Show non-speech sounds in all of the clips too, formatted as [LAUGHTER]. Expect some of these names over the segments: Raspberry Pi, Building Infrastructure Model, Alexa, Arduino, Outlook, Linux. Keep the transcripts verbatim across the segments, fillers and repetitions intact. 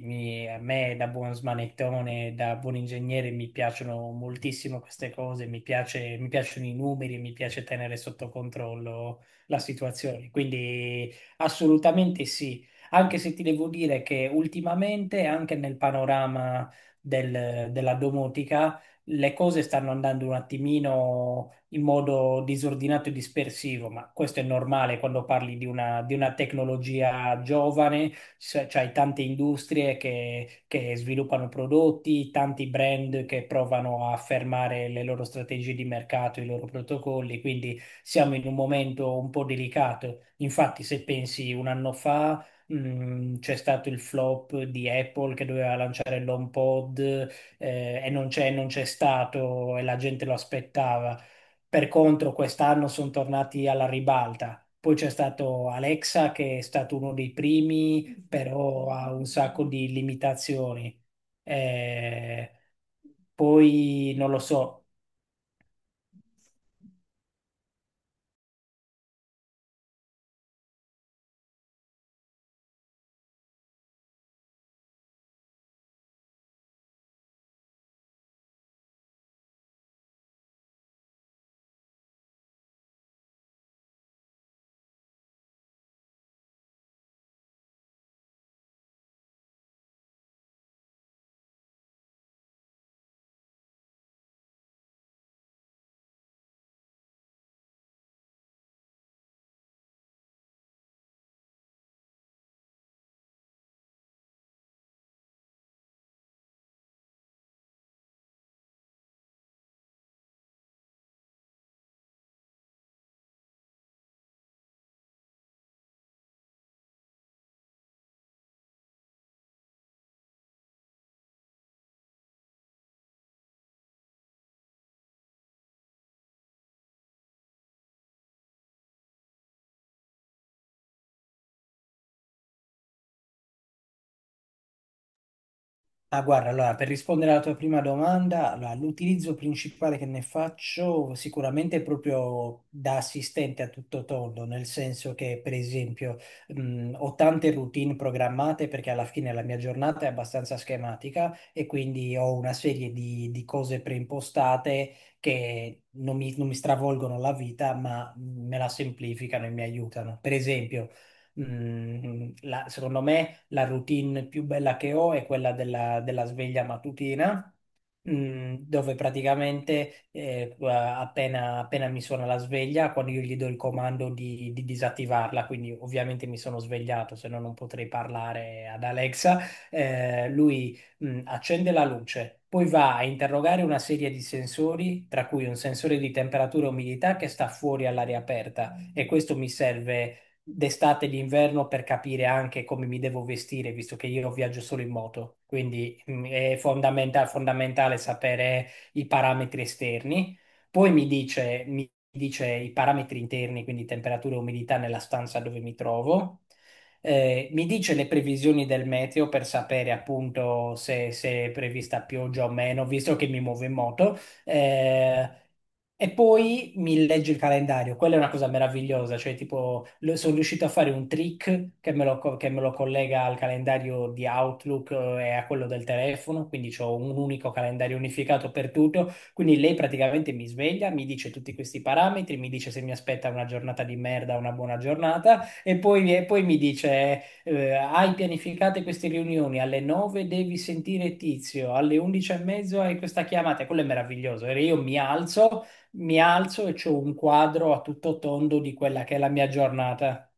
mi- A me, da buon smanettone, da buon ingegnere, mi piacciono moltissimo queste cose, mi piace- mi piacciono i numeri, mi piace tenere sotto controllo la situazione. Quindi assolutamente sì, anche se ti devo dire che ultimamente, anche nel panorama del- della domotica, le cose stanno andando un attimino in modo disordinato e dispersivo, ma questo è normale quando parli di una, di una tecnologia giovane. C'è- c'hai tante industrie che, che sviluppano prodotti, tanti brand che provano a affermare le loro strategie di mercato, i loro protocolli, quindi siamo in un momento un po' delicato. Infatti, se pensi un anno fa. mm, C'è stato il flop di Apple che doveva lanciare l'HomePod, eh, e non c'è non c'è stato e la gente lo aspettava. Per contro, quest'anno sono tornati alla ribalta. Poi c'è stato Alexa che è stato uno dei primi, però ha un sacco di limitazioni. Eh, Poi non lo so. Ah, guarda, allora, per rispondere alla tua prima domanda, allora, l'utilizzo principale che ne faccio sicuramente è proprio da assistente a tutto tondo, nel senso che, per esempio, mh, ho tante routine programmate perché alla fine la mia giornata è abbastanza schematica e quindi ho una serie di, di cose preimpostate che non mi, non mi stravolgono la vita, ma me la semplificano e mi aiutano. Per esempio, mh, la- secondo me la routine più bella che ho è quella della, della sveglia mattutina, mm, dove praticamente eh, appena, appena mi suona la sveglia, quando io gli do il comando di, di disattivarla, quindi ovviamente mi sono svegliato, se no non potrei parlare ad Alexa. Eh, lui mh, accende la luce, poi va a interrogare una serie di sensori, tra cui un sensore di temperatura e umidità che sta fuori all'aria aperta, e questo mi serve d'estate e d'inverno per capire anche come mi devo vestire, visto che io viaggio solo in moto, quindi mm, è fondamenta- fondamentale sapere i parametri esterni. Poi mi dice, mi dice i parametri interni, quindi temperatura e umidità nella stanza dove mi trovo. Eh, mi dice le previsioni del meteo per sapere appunto se, se è prevista pioggia o meno, visto che mi muovo in moto. Eh, e poi mi legge il calendario, quella è una cosa meravigliosa, cioè tipo lo- sono riuscito a fare un trick che me lo, co- che me lo collega al calendario di Outlook, eh, e a quello del telefono, quindi ho un unico calendario unificato per tutto, quindi lei praticamente mi sveglia, mi dice tutti questi parametri, mi dice se mi aspetta una giornata di merda o una buona giornata, e poi, e poi, mi dice, eh, hai pianificate queste riunioni, alle nove devi sentire Tizio, alle undici e mezzo hai questa chiamata, e quello è meraviglioso. E io mi alzo, mi alzo e ho un quadro a tutto tondo di quella che è la mia giornata.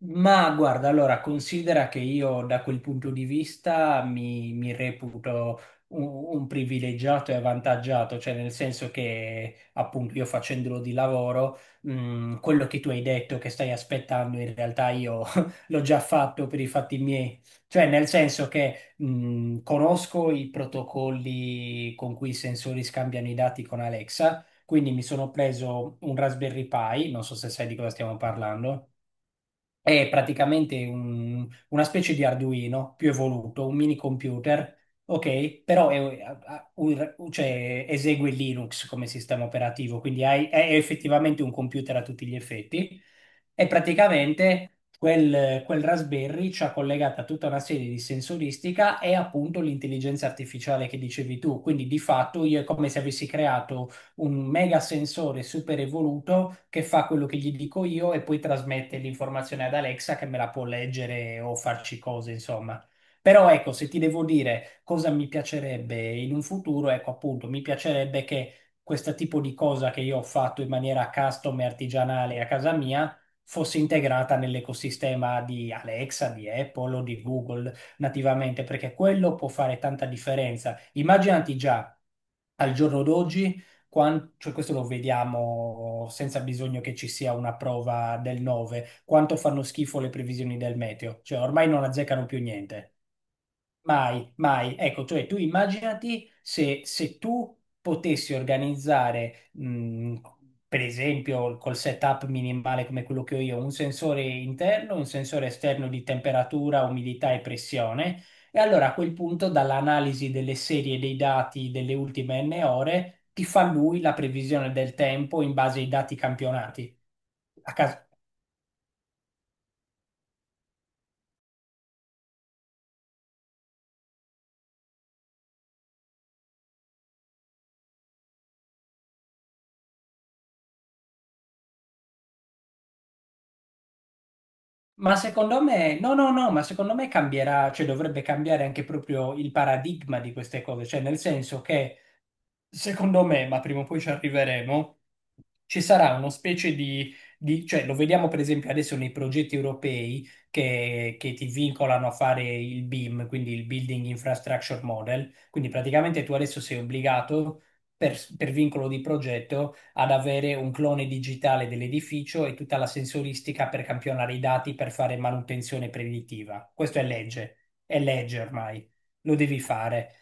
Ma guarda, allora considera che io da quel punto di vista mi, mi reputo un, un privilegiato e avvantaggiato, cioè nel senso che appunto io facendolo di lavoro, mh, quello che tu hai detto che stai aspettando in realtà io [LAUGHS] l'ho già fatto per i fatti miei, cioè nel senso che mh, conosco i protocolli con cui i sensori scambiano i dati con Alexa, quindi mi sono preso un Raspberry Pi, non so se sai di cosa stiamo parlando. È praticamente un- una specie di Arduino più evoluto, un mini computer, ok? Però è- ha- ha- un- cioè, esegue Linux come sistema operativo, quindi hai- è effettivamente un computer a tutti gli effetti. E praticamente quel, quel Raspberry ci ha collegata tutta una serie di sensoristica e appunto l'intelligenza artificiale che dicevi tu. Quindi di fatto io è come se avessi creato un mega sensore super evoluto che fa quello che gli dico io e poi trasmette l'informazione ad Alexa che me la può leggere o farci cose, insomma. Però ecco, se ti devo dire cosa mi piacerebbe in un futuro, ecco appunto, mi piacerebbe che questo tipo di cosa che io ho fatto in maniera custom e artigianale a casa mia fosse integrata nell'ecosistema di Alexa, di Apple o di Google nativamente, perché quello può fare tanta differenza. Immaginati già al giorno d'oggi, quan- cioè questo lo vediamo senza bisogno che ci sia una prova del nove, quanto fanno schifo le previsioni del meteo, cioè ormai non azzeccano più niente. Mai, mai. Ecco, cioè tu immaginati se, se tu potessi organizzare, mh, per esempio, col setup minimale come quello che ho io, un sensore interno, un sensore esterno di temperatura, umidità e pressione, e allora a quel punto dall'analisi delle serie dei dati delle ultime n ore ti fa lui la previsione del tempo in base ai dati campionati. A caso. Ma secondo me, no, no, no, ma secondo me cambierà, cioè dovrebbe cambiare anche proprio il paradigma di queste cose, cioè nel senso che secondo me, ma prima o poi ci arriveremo, ci sarà una specie di, di- cioè lo vediamo per esempio adesso nei progetti europei che, che ti vincolano a fare il BIM, quindi il Building Infrastructure Model, quindi praticamente tu adesso sei obbligato per, per vincolo di progetto ad avere un clone digitale dell'edificio e tutta la sensoristica per campionare i dati per fare manutenzione preditiva. Questo è legge, è legge ormai, lo devi fare.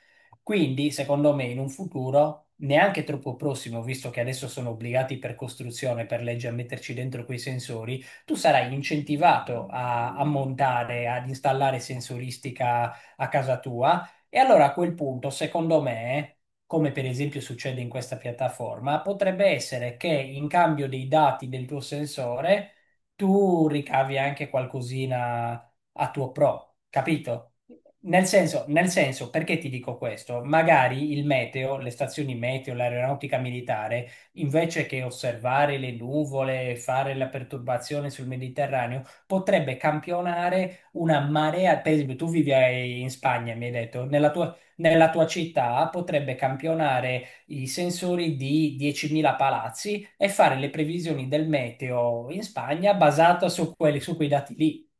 Quindi, secondo me, in un futuro neanche troppo prossimo, visto che adesso sono obbligati per costruzione, per legge, a metterci dentro quei sensori, tu sarai incentivato a, a montare, ad installare sensoristica a casa tua. E allora a quel punto, secondo me, come per esempio succede in questa piattaforma, potrebbe essere che in cambio dei dati del tuo sensore tu ricavi anche qualcosina a tuo pro, capito? Nel senso, nel senso, perché ti dico questo? Magari il meteo, le stazioni meteo, l'aeronautica militare, invece che osservare le nuvole e fare la perturbazione sul Mediterraneo, potrebbe campionare una marea. Per esempio, tu vivi ai- in Spagna, mi hai detto, nella tua, nella tua città potrebbe campionare i sensori di diecimila palazzi e fare le previsioni del meteo in Spagna basata su quelli, su quei dati lì.